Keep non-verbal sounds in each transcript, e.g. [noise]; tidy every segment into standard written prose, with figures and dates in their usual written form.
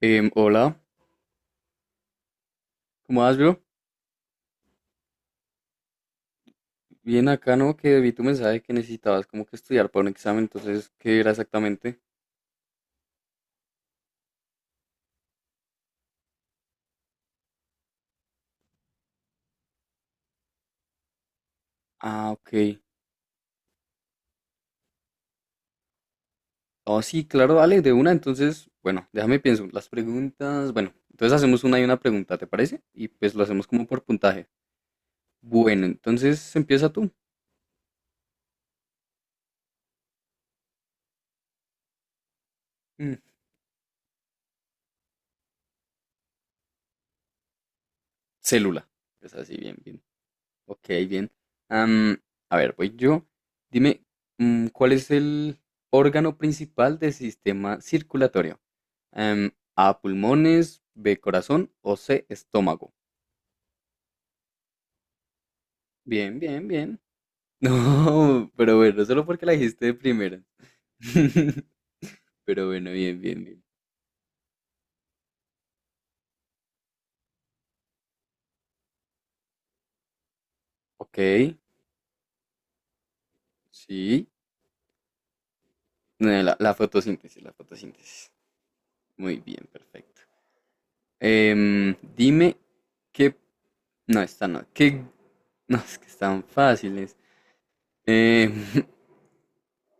Hola, ¿cómo vas, bro? Bien acá, ¿no? Que vi tu mensaje que necesitabas como que estudiar para un examen, entonces, ¿qué era exactamente? Ah, ok. Oh, sí, claro, dale, de una, entonces, bueno, déjame pienso. Las preguntas, bueno, entonces hacemos una y una pregunta, ¿te parece? Y pues lo hacemos como por puntaje. Bueno, entonces empieza tú. Mm, célula. Es así, bien, bien. Ok, bien. Am, a ver, voy yo. Dime, ¿cuál es el órgano principal del sistema circulatorio? A, pulmones, B, corazón o C, estómago. Bien, bien, bien. [laughs] No, pero bueno, solo porque la dijiste de primera. [laughs] Pero bueno, bien, bien, bien. Ok, sí. La fotosíntesis, la fotosíntesis. Muy bien, perfecto. Dime qué. No, esta no. ¿Qué? No, es que están fáciles. Em, [laughs]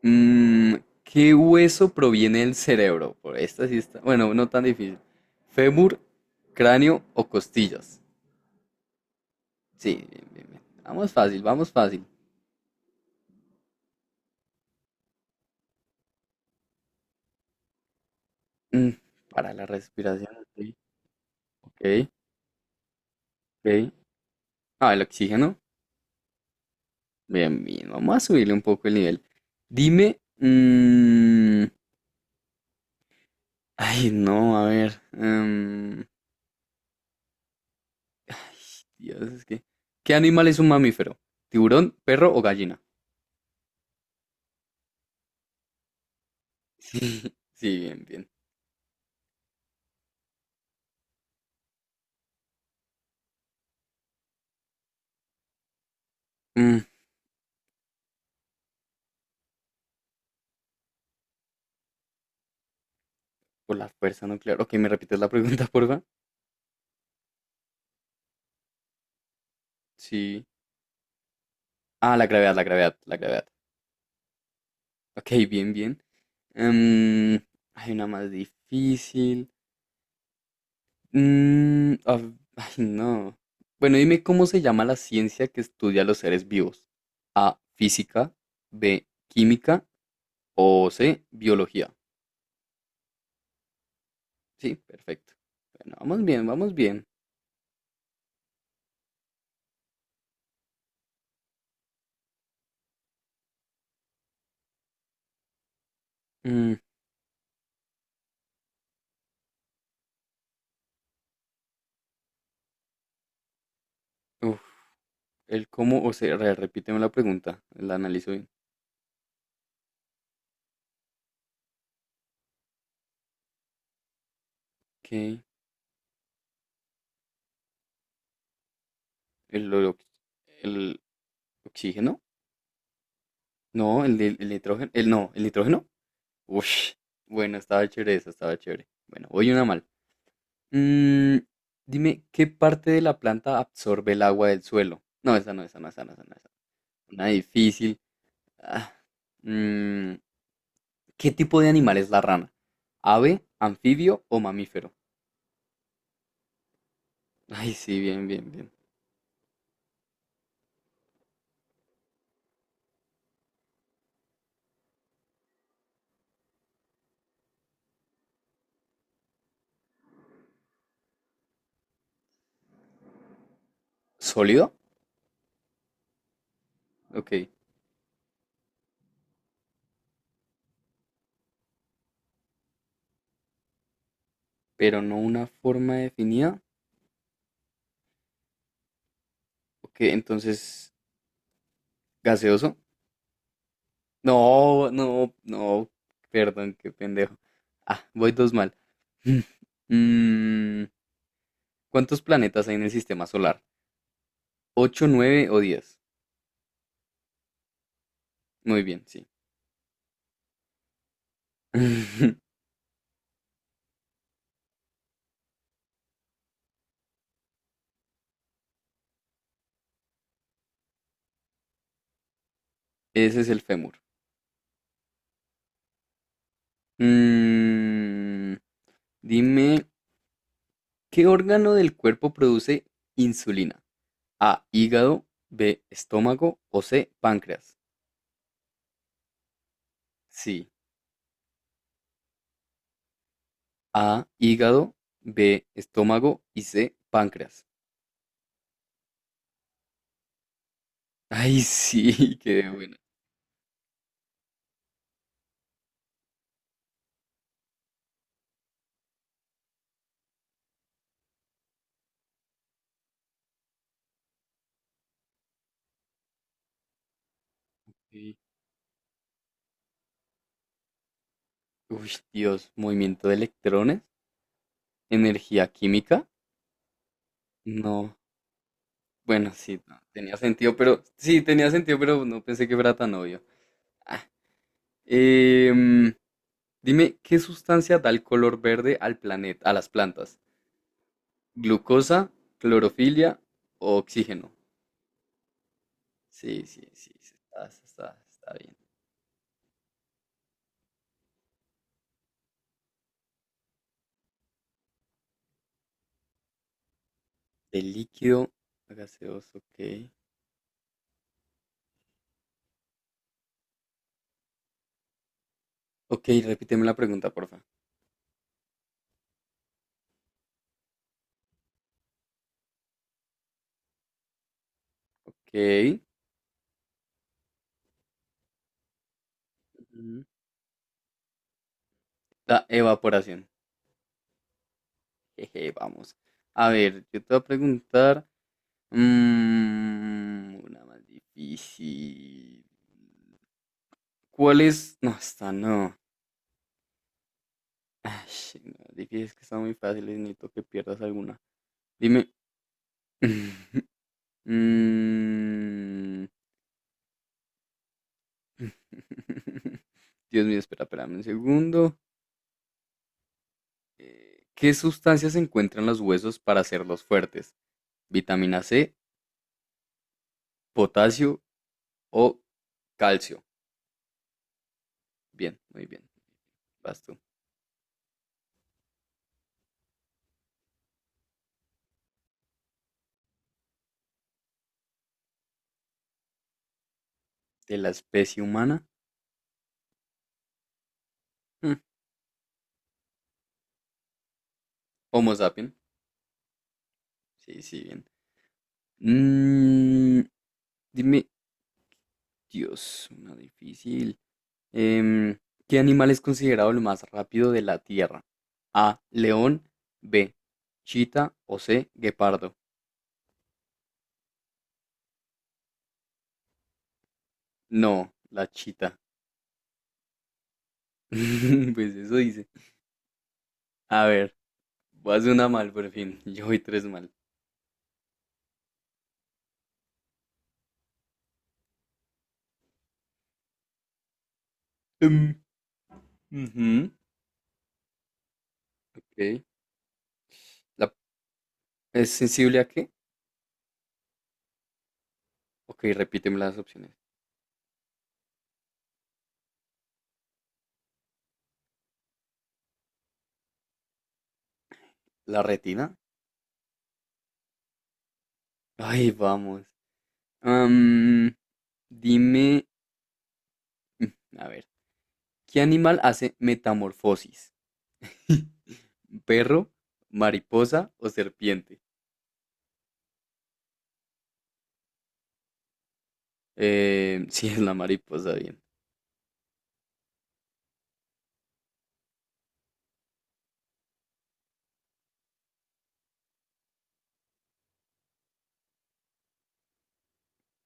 Mm, ¿qué hueso proviene del cerebro? Por esta sí está. Bueno, no tan difícil. ¿Fémur, cráneo o costillas? Sí, bien, bien, bien. Vamos fácil, vamos fácil. Mm, para la respiración, ok, ok. Ok. Ah, el oxígeno. Bien, bien. Vamos a subirle un poco el nivel. Dime. Ay, no, a ver. Ay, Dios, es que. ¿Qué animal es un mamífero? ¿Tiburón, perro o gallina? [laughs] Sí, bien, bien. Mm, Por la fuerza nuclear. Ok, ¿me repites la pregunta, [laughs] porfa? Sí. Ah, la gravedad, la gravedad, la gravedad. Ok, bien, bien. Em, hay una más difícil. Ay, no. Bueno, dime cómo se llama la ciencia que estudia los seres vivos. A, física, B, química o C, biología. Sí, perfecto. Bueno, vamos bien, vamos bien. Mm, uf, el cómo, o sea, repíteme la pregunta, la analizo bien. Ok, el, el, ¿oxígeno? No, el nitrógeno. El no, el nitrógeno. Ush. Bueno, estaba chévere eso, estaba chévere. Bueno, voy una mal. Mm, dime, ¿qué parte de la planta absorbe el agua del suelo? No, esa no, esa no, esa no, esa no. Esa. No. Una difícil. Ah, mm, ¿qué tipo de animal es la rana? ¿Ave, anfibio o mamífero? Ay, sí, bien, bien, bien. ¿Sólido? Ok, pero no una forma definida. Ok, entonces, ¿gaseoso? No, no, no, perdón, qué pendejo. Ah, voy dos mal. [laughs] Mm, ¿cuántos planetas hay en el sistema solar? ¿Ocho, nueve o diez? Muy bien, sí. [laughs] Ese es el fémur. Mm, dime, ¿qué órgano del cuerpo produce insulina? A, hígado, B, estómago o C, páncreas. Sí, A, hígado, B, estómago y C, páncreas. Ay, sí, [laughs] qué buena. Sí. Uy, Dios, movimiento de electrones, energía química. No, bueno, sí, no, tenía sentido, pero sí, tenía sentido, pero no pensé que fuera tan obvio. Ah, em, dime, ¿qué sustancia da el color verde al planeta, a las plantas? ¿Glucosa, clorofilia o oxígeno? Sí, sí, sí, sí, está, está, está bien. De líquido a gaseoso, ok. Ok, repíteme la pregunta, porfa. Ok. Ujú. La evaporación. [laughs] Jeje, vamos. A ver, yo te voy a preguntar. Una más difícil. ¿Cuál es? No, esta no. Ay, no, difícil es que está muy fácil. Necesito que pierdas alguna. Dime. [laughs] Mm, [laughs] Dios mío, espera, espérame un segundo. ¿Qué sustancias se encuentran en los huesos para hacerlos fuertes? ¿Vitamina C, potasio o calcio? Bien, muy bien. Vas tú. ¿De la especie humana? Mm, Homo sapien. Sí, sí, bien. Mm, dime, Dios, una difícil. Em, ¿qué animal es considerado el más rápido de la Tierra? A, león, B, chita o C, guepardo. No, la chita. [laughs] Pues eso dice. A ver, voy a hacer una mal por fin. [laughs] Yo voy tres mal. Em, ujú, ok. La- ¿Es sensible a qué? Ok, repíteme las opciones. ¿La retina? Ay, vamos. Dime, [laughs] a ver, ¿qué animal hace metamorfosis? [laughs] ¿Perro, mariposa o serpiente? [laughs] Sí, es la mariposa, bien.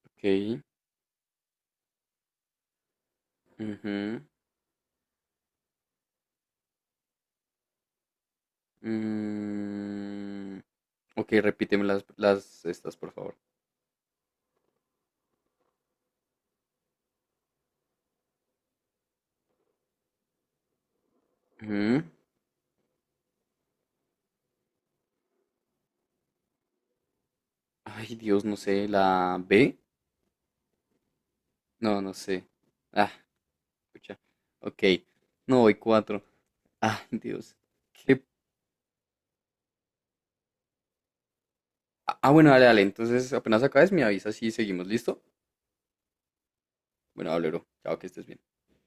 Ok. Ujú, mm, ok, repíteme las estas, por favor. Ujú. Ay, Dios, no sé, ¿la B? No, no sé. Ah, escucha. Ok. No, voy cuatro. Ah, Dios. ¿Qué? Ah, ah, bueno, dale, dale. Entonces, apenas acabes, me avisas y seguimos. ¿Listo? Bueno, hablero. Chao, que estés bien.